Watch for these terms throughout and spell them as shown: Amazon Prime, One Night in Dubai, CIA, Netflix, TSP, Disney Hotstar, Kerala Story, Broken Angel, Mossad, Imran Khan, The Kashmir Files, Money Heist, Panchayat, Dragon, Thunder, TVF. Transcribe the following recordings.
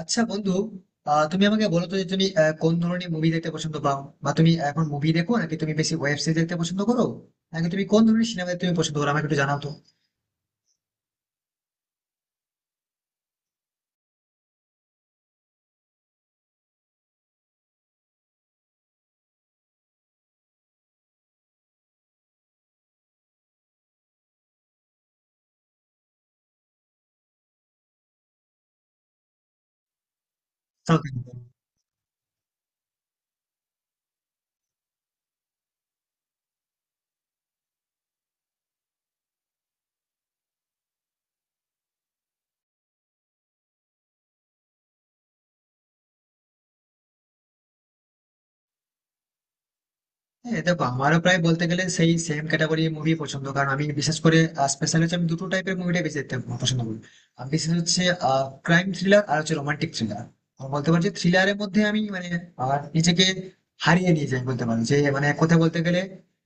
আচ্ছা বন্ধু, তুমি আমাকে বলো তো যে তুমি কোন ধরনের মুভি দেখতে পছন্দ পাও, বা তুমি এখন মুভি দেখো নাকি তুমি বেশি ওয়েব সিরিজ দেখতে পছন্দ করো, নাকি তুমি কোন ধরনের সিনেমা দেখতে তুমি পছন্দ করো? আমাকে একটু জানাও তো। South Indian. হ্যাঁ, দেখো, আমারও প্রায় বলতে গেলে সেই সেম ক্যাটাগরি মুভি পছন্দ, কারণ আমি বিশেষ করে স্পেশাল হচ্ছে, আমি দুটো টাইপের মুভিটা বেশি দেখতে পছন্দ করি। আমি বিশেষ হচ্ছে ক্রাইম থ্রিলার, আর হচ্ছে রোমান্টিক থ্রিলার। বলতে পারছি, থ্রিলারের মধ্যে আমি মানে নিজেকে হারিয়ে নিয়ে যাই, বলতে পারি যে মানে কথা বলতে গেলে।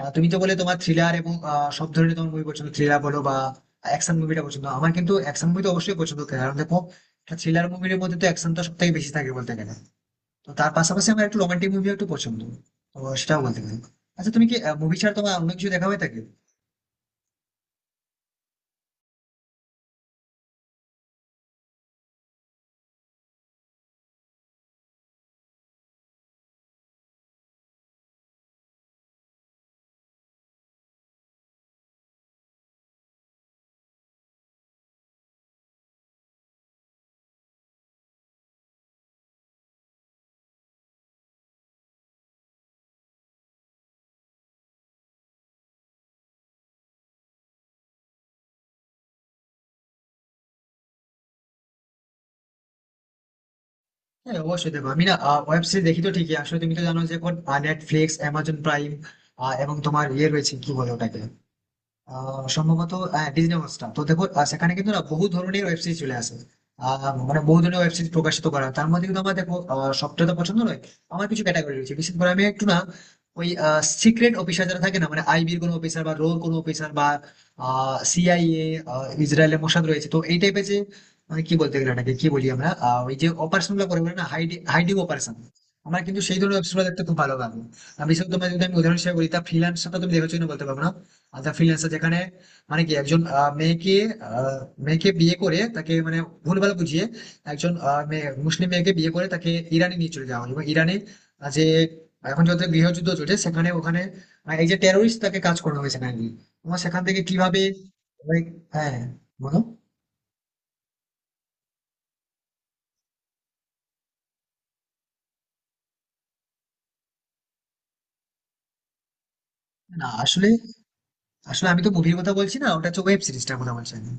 তুমি তো বলে তোমার থ্রিলার এবং সব ধরনের তোমার মুভি পছন্দ, থ্রিলার বলো বা অ্যাকশন মুভিটা পছন্দ আমার, কিন্তু অ্যাকশন মুভি তো অবশ্যই পছন্দ, কারণ দেখো, থ্রিলার মুভির মধ্যে তো অ্যাকশন তো সব থেকে বেশি থাকে বলতে গেলে। তো তার পাশাপাশি আমার একটু রোমান্টিক মুভিও একটু পছন্দ, তো সেটাও বলতে পারি। আচ্ছা, তুমি কি মুভি ছাড়া তোমার অন্য কিছু দেখা হয়ে থাকে? হ্যাঁ, অবশ্যই দেখো, আমি না ওয়েব সিরিজ দেখি তো ঠিকই। আসলে তুমি তো জানো যে এখন নেটফ্লিক্স, অ্যামাজন প্রাইম, এবং তোমার ইয়ে রয়েছে, কি বলে ওটাকে, সম্ভবত ডিজনি হটস্টার, তো দেখো সেখানে কিন্তু না বহু ধরনের ওয়েব সিরিজ চলে আসে। আহ, মানে বহু ধরনের ওয়েব সিরিজ প্রকাশিত করা হয়। তার মধ্যে কিন্তু আমার দেখো সবটা তো পছন্দ নয়। আমার কিছু ক্যাটাগরি রয়েছে, বিশেষ করে আমি একটু না, ওই সিক্রেট অফিসার যারা থাকে না, মানে আইবির কোনো অফিসার বা রোর কোনো অফিসার বা সিআইএ, ইসরায়েলের মোসাদ রয়েছে, তো এই টাইপের যে মানে কি বলতে গেলে এটাকে কি বলি আমরা, ওই যে অপারেশন গুলো করে, বলে না, হাইডিং অপারেশন। আমার কিন্তু সেই ধরনের ওয়েব সিরিজ দেখতে খুব ভালো লাগে। আমি বিশেষ করে তোমার যদি আমি উদাহরণ হিসেবে বলি, তা ফ্রিল্যান্সারটা তুমি দেখেছো না বলতে পারবো না। আচ্ছা, ফ্রিল্যান্সার যেখানে মানে কি একজন আহ, মেয়েকে বিয়ে করে, তাকে মানে ভুলভাল বুঝিয়ে, একজন মুসলিম মেয়েকে বিয়ে করে, তাকে ইরানে নিয়ে চলে যাওয়া হয়, এবং ইরানে যে এখন যত গৃহযুদ্ধ চলছে সেখানে ওখানে এই যে টেরোরিস্ট তাকে কাজ করানো হয়েছে নাকি, এবং সেখান থেকে কিভাবে like, হ্যাঁ, বলো। না, আসলে আসলে আমি তো মুভির কথা বলছি না, ওটা হচ্ছে ওয়েব সিরিজটার কথা বলছি আমি।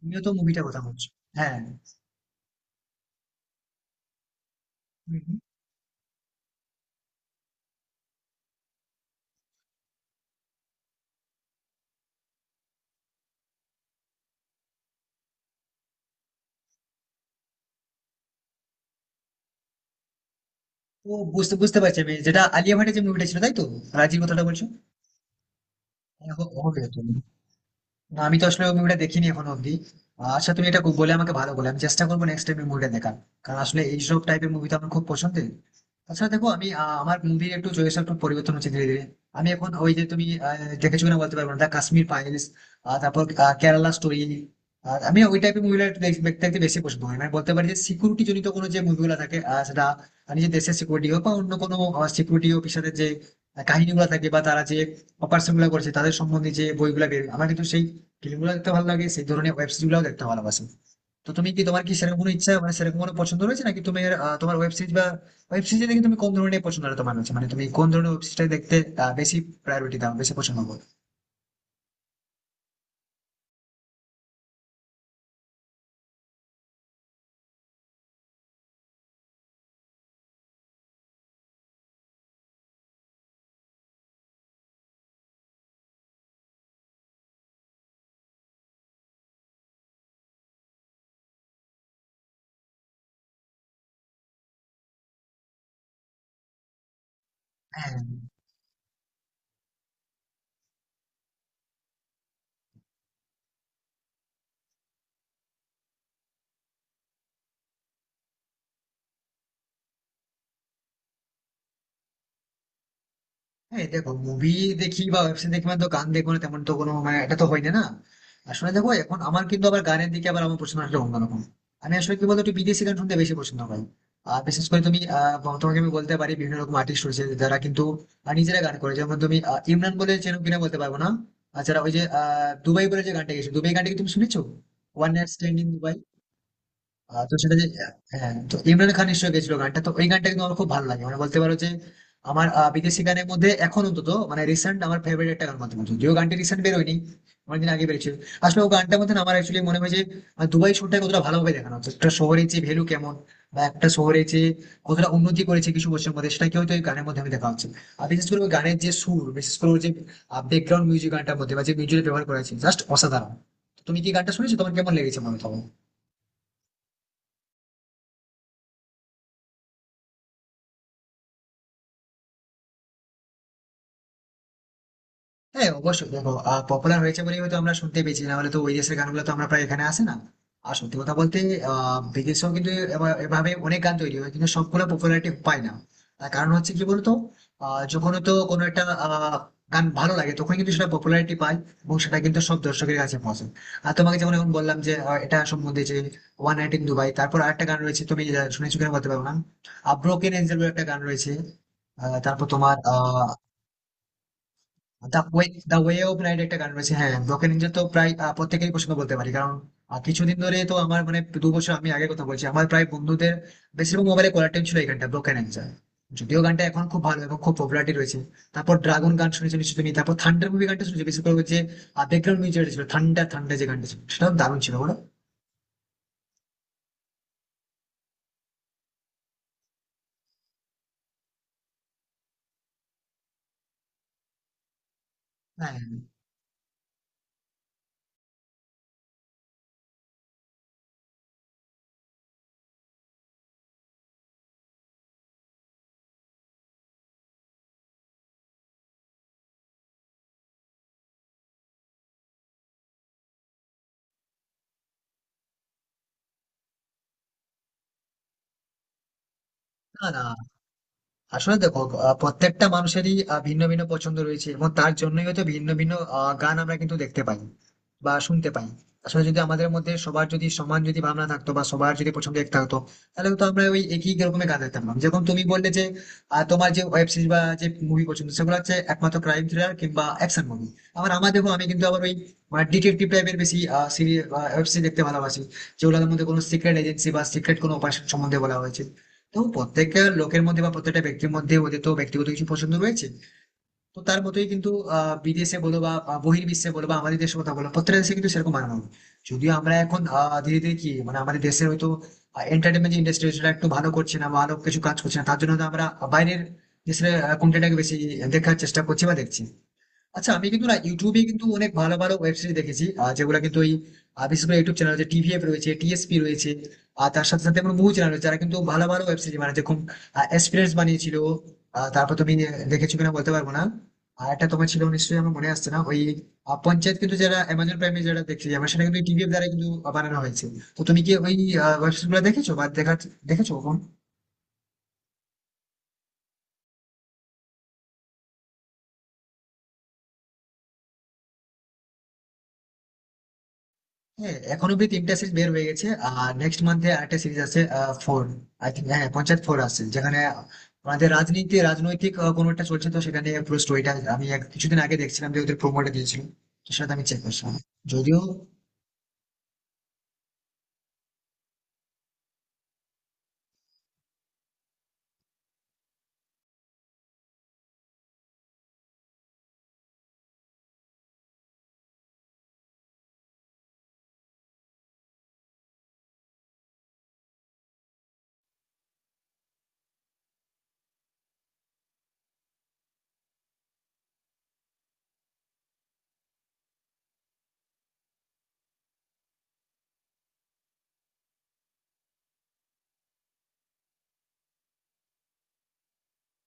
তুমিও তো মুভিটার কথা বলছো। হ্যাঁ। হুম, হুম। তো বুঝতে বুঝতে পারছি আমি, যেটা আলিয়া ভাটের যে মুভিটা ছিল তাই তো, রাজির কথাটা বলছো? এরো রো রো রো। না, আমি তো আসলে ওই মুভিটা দেখিনি এখনো অব্দি। আচ্ছা, তুমি এটা বলে আমাকে ভালো বলে, আমি চেষ্টা করবো নেক্সট টাইম মুভিটা দেখার, কারণ আসলে এইসব টাইপের মুভি তো আমার খুব পছন্দের। তাছাড়া দেখো, আমি আমার মুভির একটু চয়েস একটু পরিবর্তন হচ্ছে ধীরে ধীরে। আমি এখন ওই যে, তুমি দেখেছো কিনা বলতে পারবো না, দা কাশ্মীর ফাইলস, তারপর কেরালা স্টোরি। আমি ওই টাইপের মুভিগুলো একটু দেখতে দেখতে বেশি পছন্দ করি, মানে বলতে পারি যে সিকিউরিটি জনিত কোনো যে মুভিগুলো থাকে, সেটা নিজের দেশের সিকিউরিটি হোক বা অন্য কোনো সিকিউরিটি অফিসারের যে কাহিনীগুলো থাকে, বা তারা যে অপারেশন গুলো করছে তাদের সম্বন্ধে যে বইগুলো বের, আমার কিন্তু সেই ফিল্মগুলো দেখতে ভালো লাগে, সেই ধরনের ওয়েব সিরিজ গুলো দেখতে ভালোবাসি। তো তুমি কি, তোমার কি সেরকম কোনো ইচ্ছা মানে সেরকম কোনো পছন্দ রয়েছে নাকি? তুমি তোমার ওয়েব সিরিজ বা ওয়েব সিরিজ দেখে তুমি কোন ধরনের পছন্দ তোমার রয়েছে, মানে তুমি কোন ধরনের ওয়েব সিরিজটা দেখতে বেশি প্রায়োরিটি দাও, বেশি পছন্দ করো? হ্যাঁ। হ্যাঁ, দেখো, মুভি দেখি বা ওয়েব সিরিজ দেখি, মানে তো গান দেখবো না, তেমন তো কোনো মানে, এটা তো হয় না না। আসলে দেখো, এখন আমার কিন্তু আবার গানের দিকে আবার আমার পছন্দ আসলে অন্যরকম। আমি আসলে কি বলতো, একটু বিদেশি গান শুনতে বেশি পছন্দ পাই। আর বিশেষ করে তুমি, তোমাকে আমি বলতে পারি বিভিন্ন রকম আর্টিস্ট রয়েছে যারা কিন্তু নিজেরা গান করে, যেমন তুমি ইমরান বলে চেনো কিনা বলতে পারবো না। আর যারা ওই যে দুবাই বলে যে গানটা গেছে, দুবাই গানটা কি তুমি শুনেছো? One night stand in Dubai. তো সেটা যে, হ্যাঁ তো ইমরান খান নিশ্চয়ই গেছিল গানটা, তো ওই গানটা কিন্তু আমার খুব ভালো লাগে, মানে বলতে পারো যে আমার বিদেশি গানের মধ্যে এখন অন্তত মানে রিসেন্ট আমার ফেভারিট একটা গান বলতে পারো, যদিও গানটি রিসেন্ট বেরোয়নি, অনেকদিন আগে বেরিয়েছিল। আসলে ও গানটার মধ্যে না, আমার অ্যাকচুয়ালি মনে হয় যে দুবাই শহরটা কতটা ভালোভাবে দেখানো হচ্ছে, একটা শহরের যে ভ্যালু কেমন, বা একটা শহরে যে কতটা উন্নতি করেছে কিছু বছরের মধ্যে, সেটা কি হয়তো এই গানের মধ্যে আমি দেখা হচ্ছে। আর বিশেষ করে ওই গানের যে সুর, বিশেষ করে ওর যে ব্যাকগ্রাউন্ড মিউজিক গানটার মধ্যে বা যে মিউজিক ব্যবহার করা হয়েছে, জাস্ট অসাধারণ। তুমি কি গানটা শুনেছো? তোমার কেমন লেগেছে মনে হয়? হ্যাঁ, অবশ্যই দেখো, পপুলার হয়েছে বলেই হয়তো আমরা শুনতে পেয়েছি, না হলে তো ওই দেশের গানগুলো তো আমরা প্রায় এখানে আসে না। আর সত্যি কথা বলতে বিদেশেও কিন্তু এভাবে অনেক গান তৈরি হয় কিন্তু সবগুলো পপুলারিটি পায় না। তার কারণ হচ্ছে কি বলতো, যখন তো কোনো একটা গান ভালো লাগে তখন কিন্তু সেটা পপুলারিটি পায়, এবং সেটা কিন্তু সব দর্শকের কাছে পৌঁছে। আর তোমাকে যেমন এখন বললাম যে এটা সম্বন্ধে যে ওয়ান নাইট ইন দুবাই, তারপর আরেকটা গান রয়েছে, তুমি শুনেছো কিনা বলতে পারবো না, ব্রোকেন এঞ্জেল একটা গান রয়েছে। তারপর তোমার the way the way of night একটা গান রয়েছে। হ্যাঁ, ব্রোকেন এঞ্জেল তো প্রায় প্রত্যেকেই পছন্দ বলতে পারি, কারণ কিছুদিন ধরে তো আমার মানে 2 বছর আমি আগে কথা বলছি, আমার প্রায় বন্ধুদের বেশিরভাগ মোবাইলে কলার টিউন ছিল এই গানটা, ব্রোকেন এঞ্জেল। যদিও গানটা এখন খুব ভালো এবং খুব পপুলারিটি রয়েছে। তারপর ড্রাগন গান শুনেছি নিশ্চয়ই তুমি, তারপর থান্ডার মুভি গানটা শুনেছি, বিশেষ করে ওই যে ব্যাকগ্রাউন্ড মিউজিক ছিল, ঠান্ডা ঠান্ডা যে গানটা ছিল, সেটাও দারুণ ছিল, বলো? হ্যাঁ। না, না, আসলে দেখো, প্রত্যেকটা মানুষেরই ভিন্ন ভিন্ন পছন্দ রয়েছে, এবং তার জন্যই হয়তো ভিন্ন ভিন্ন গান আমরা কিন্তু দেখতে পাই বা শুনতে পাই। আসলে যদি আমাদের মধ্যে সবার যদি সমান যদি ভাবনা থাকতো বা সবার যদি পছন্দ এক থাকতো, তাহলে তো আমরা ওই একই রকমের গান দেখতাম না। যেমন তুমি বললে যে তোমার যে ওয়েব সিরিজ বা যে মুভি পছন্দ সেগুলো হচ্ছে একমাত্র ক্রাইম থ্রিলার কিংবা অ্যাকশন মুভি। আবার আমার দেখো, আমি কিন্তু আবার ওই ডিটেকটিভ টাইপের বেশি সিরিজ, ওয়েব সিরিজ দেখতে ভালোবাসি, যেগুলোর মধ্যে কোনো সিক্রেট এজেন্সি বা সিক্রেট কোনো অপারেশন সম্বন্ধে বলা হয়েছে। তো প্রত্যেকটা লোকের মধ্যে বা প্রত্যেকটা ব্যক্তির মধ্যে ওদের তো ব্যক্তিগত কিছু পছন্দ রয়েছে। তো তার মতোই কিন্তু বিদেশে বলো, বা বা বহির্বিশ্বে বলো, বা আমাদের দেশের কথা বলো, প্রত্যেকটা দেশে কিন্তু সেরকম মানানো। যদিও আমরা এখন ধীরে ধীরে কি মানে আমাদের দেশের হয়তো এন্টারটেনমেন্ট ইন্ডাস্ট্রি সেটা একটু ভালো করছে না, ভালো কিছু কাজ করছে না, তার জন্য হয়তো আমরা বাইরের দেশের কন্টেন্টটাকে বেশি দেখার চেষ্টা করছি বা দেখছি। আচ্ছা, আমি কিন্তু না ইউটিউবে কিন্তু অনেক ভালো ভালো ওয়েব সিরিজ দেখেছি, আর যেগুলো কিন্তু ওই বিশেষ করে ইউটিউব চ্যানেল যে টিভিএফ রয়েছে, টিএসপি রয়েছে। আর তার সাথে সাথে আমার বহু চ্যানেল রয়েছে যারা কিন্তু ভালো ভালো ওয়েব সিরিজ বানাচ্ছে, খুব এক্সপিরিয়েন্স বানিয়েছিল, তারপর তুমি দেখেছো কিনা বলতে পারবো না। আর একটা তোমার ছিল নিশ্চয়ই, আমার মনে আসছে না ওই পঞ্চায়েত, কিন্তু যারা অ্যামাজন প্রাইমে যারা দেখছি আমরা, সেটা কিন্তু টিভিএফ দ্বারা কিন্তু বানানো হয়েছে। তো তুমি কি ওই ওয়েব সিরিজ গুলো দেখেছো বা দেখেছো কখন? হ্যাঁ, এখন অব্দি তিনটা সিরিজ বের হয়ে গেছে, আর নেক্সট মান্থে আরেকটা সিরিজ আছে, ফোর আই থিঙ্ক। হ্যাঁ, পঞ্চায়েত ফোর আসছে, যেখানে আমাদের রাজনৈতিক কোনো একটা চলছে, তো সেখানে পুরো স্টোরিটা আমি কিছুদিন আগে দেখছিলাম যে ওদের প্রোমোটা দিয়েছিল, তো সেটা আমি চেক করছিলাম যদিও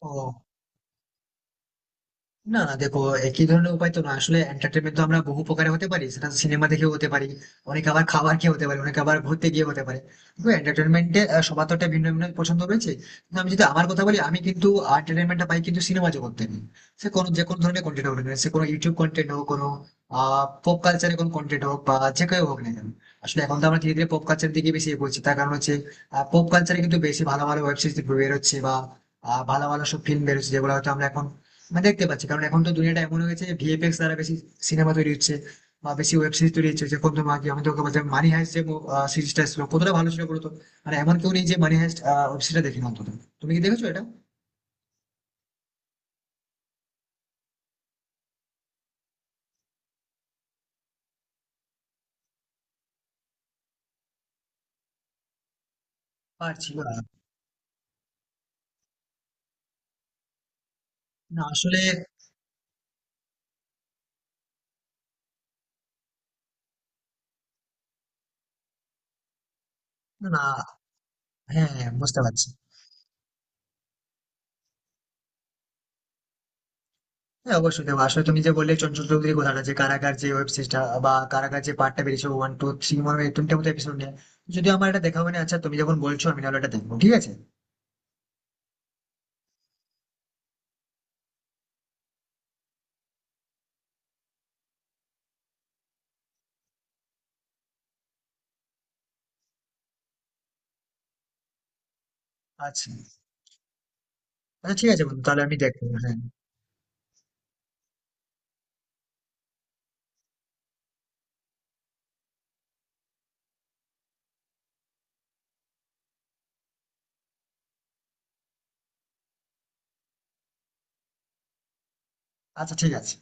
ও। না, না, দেখো, একই ধরনের উপায় তো না, আসলে এন্টারটেনমেন্ট তো আমরা বহু প্রকারে হতে পারি, সেটা সিনেমা দেখেও হতে পারি, অনেকে আবার খাবার খেয়ে হতে পারে, অনেকে আবার ঘুরতে গিয়ে হতে পারে। তো এন্টারটেনমেন্টে সবার তো একটা ভিন্ন ভিন্ন পছন্দ রয়েছে, কিন্তু আমি যদি আমার কথা বলি, আমি কিন্তু এন্টারটেনমেন্টটা পাই কিন্তু সিনেমা জগৎ থেকে, সে কোনো যে কোনো ধরনের কন্টেন্ট হোক না কেন, সে কোনো ইউটিউব কন্টেন্ট হোক, কোনো পপ কালচারের কোনো কন্টেন্ট হোক, বা যে কেউ হোক না কেন। আসলে এখন তো আমরা ধীরে ধীরে পপ কালচার দিকে বেশি এগোচ্ছি, তার কারণ হচ্ছে পপ কালচারে কিন্তু বেশি ভালো ভালো ওয়েব সিরিজ বেরোচ্ছে, বা ভালো ভালো সব ফিল্ম বেরোচ্ছে যেগুলো হয়তো আমরা এখন দেখতে পাচ্ছি, কারণ এখন তো দুনিয়াটা এমন হয়ে গেছে যে ভিএফএক্স দ্বারা বেশি সিনেমা তৈরি হচ্ছে বা বেশি ওয়েব সিরিজ তৈরি হচ্ছে। যে কত আগে আমি তোকে বলছি, মানি হাইস্ট যে সিরিজটা ছিল, কতটা ভালো ছিল বলতো! মানে এমন কেউ নেই যে মানি হাইস্ট ওয়েব সিরিজটা দেখি না অন্তত। তুমি কি দেখেছো এটা? পারছি না। না, আসলে। না, না। হ্যাঁ, হ্যাঁ, বুঝতে পারছি। হ্যাঁ, অবশ্যই দেখো, আসলে তুমি যে বললে চঞ্চল চৌধুরীর কথাটা, যে কারাগার যে ওয়েব সিরিজটা বা কারাগার যে পার্টটা বেরিয়েছে ওয়ান টু থ্রি, মনে হয় তিনটে মতো এপিসোড নিয়ে, যদিও আমার এটা দেখা হয়নি। আচ্ছা, তুমি যখন বলছো, আমি তাহলে এটা দেখবো ঠিক আছে। আচ্ছা। আচ্ছা, ঠিক আছে বন্ধু, তাহলে আমি দেখবো। হ্যাঁ, আচ্ছা, ঠিক আছে।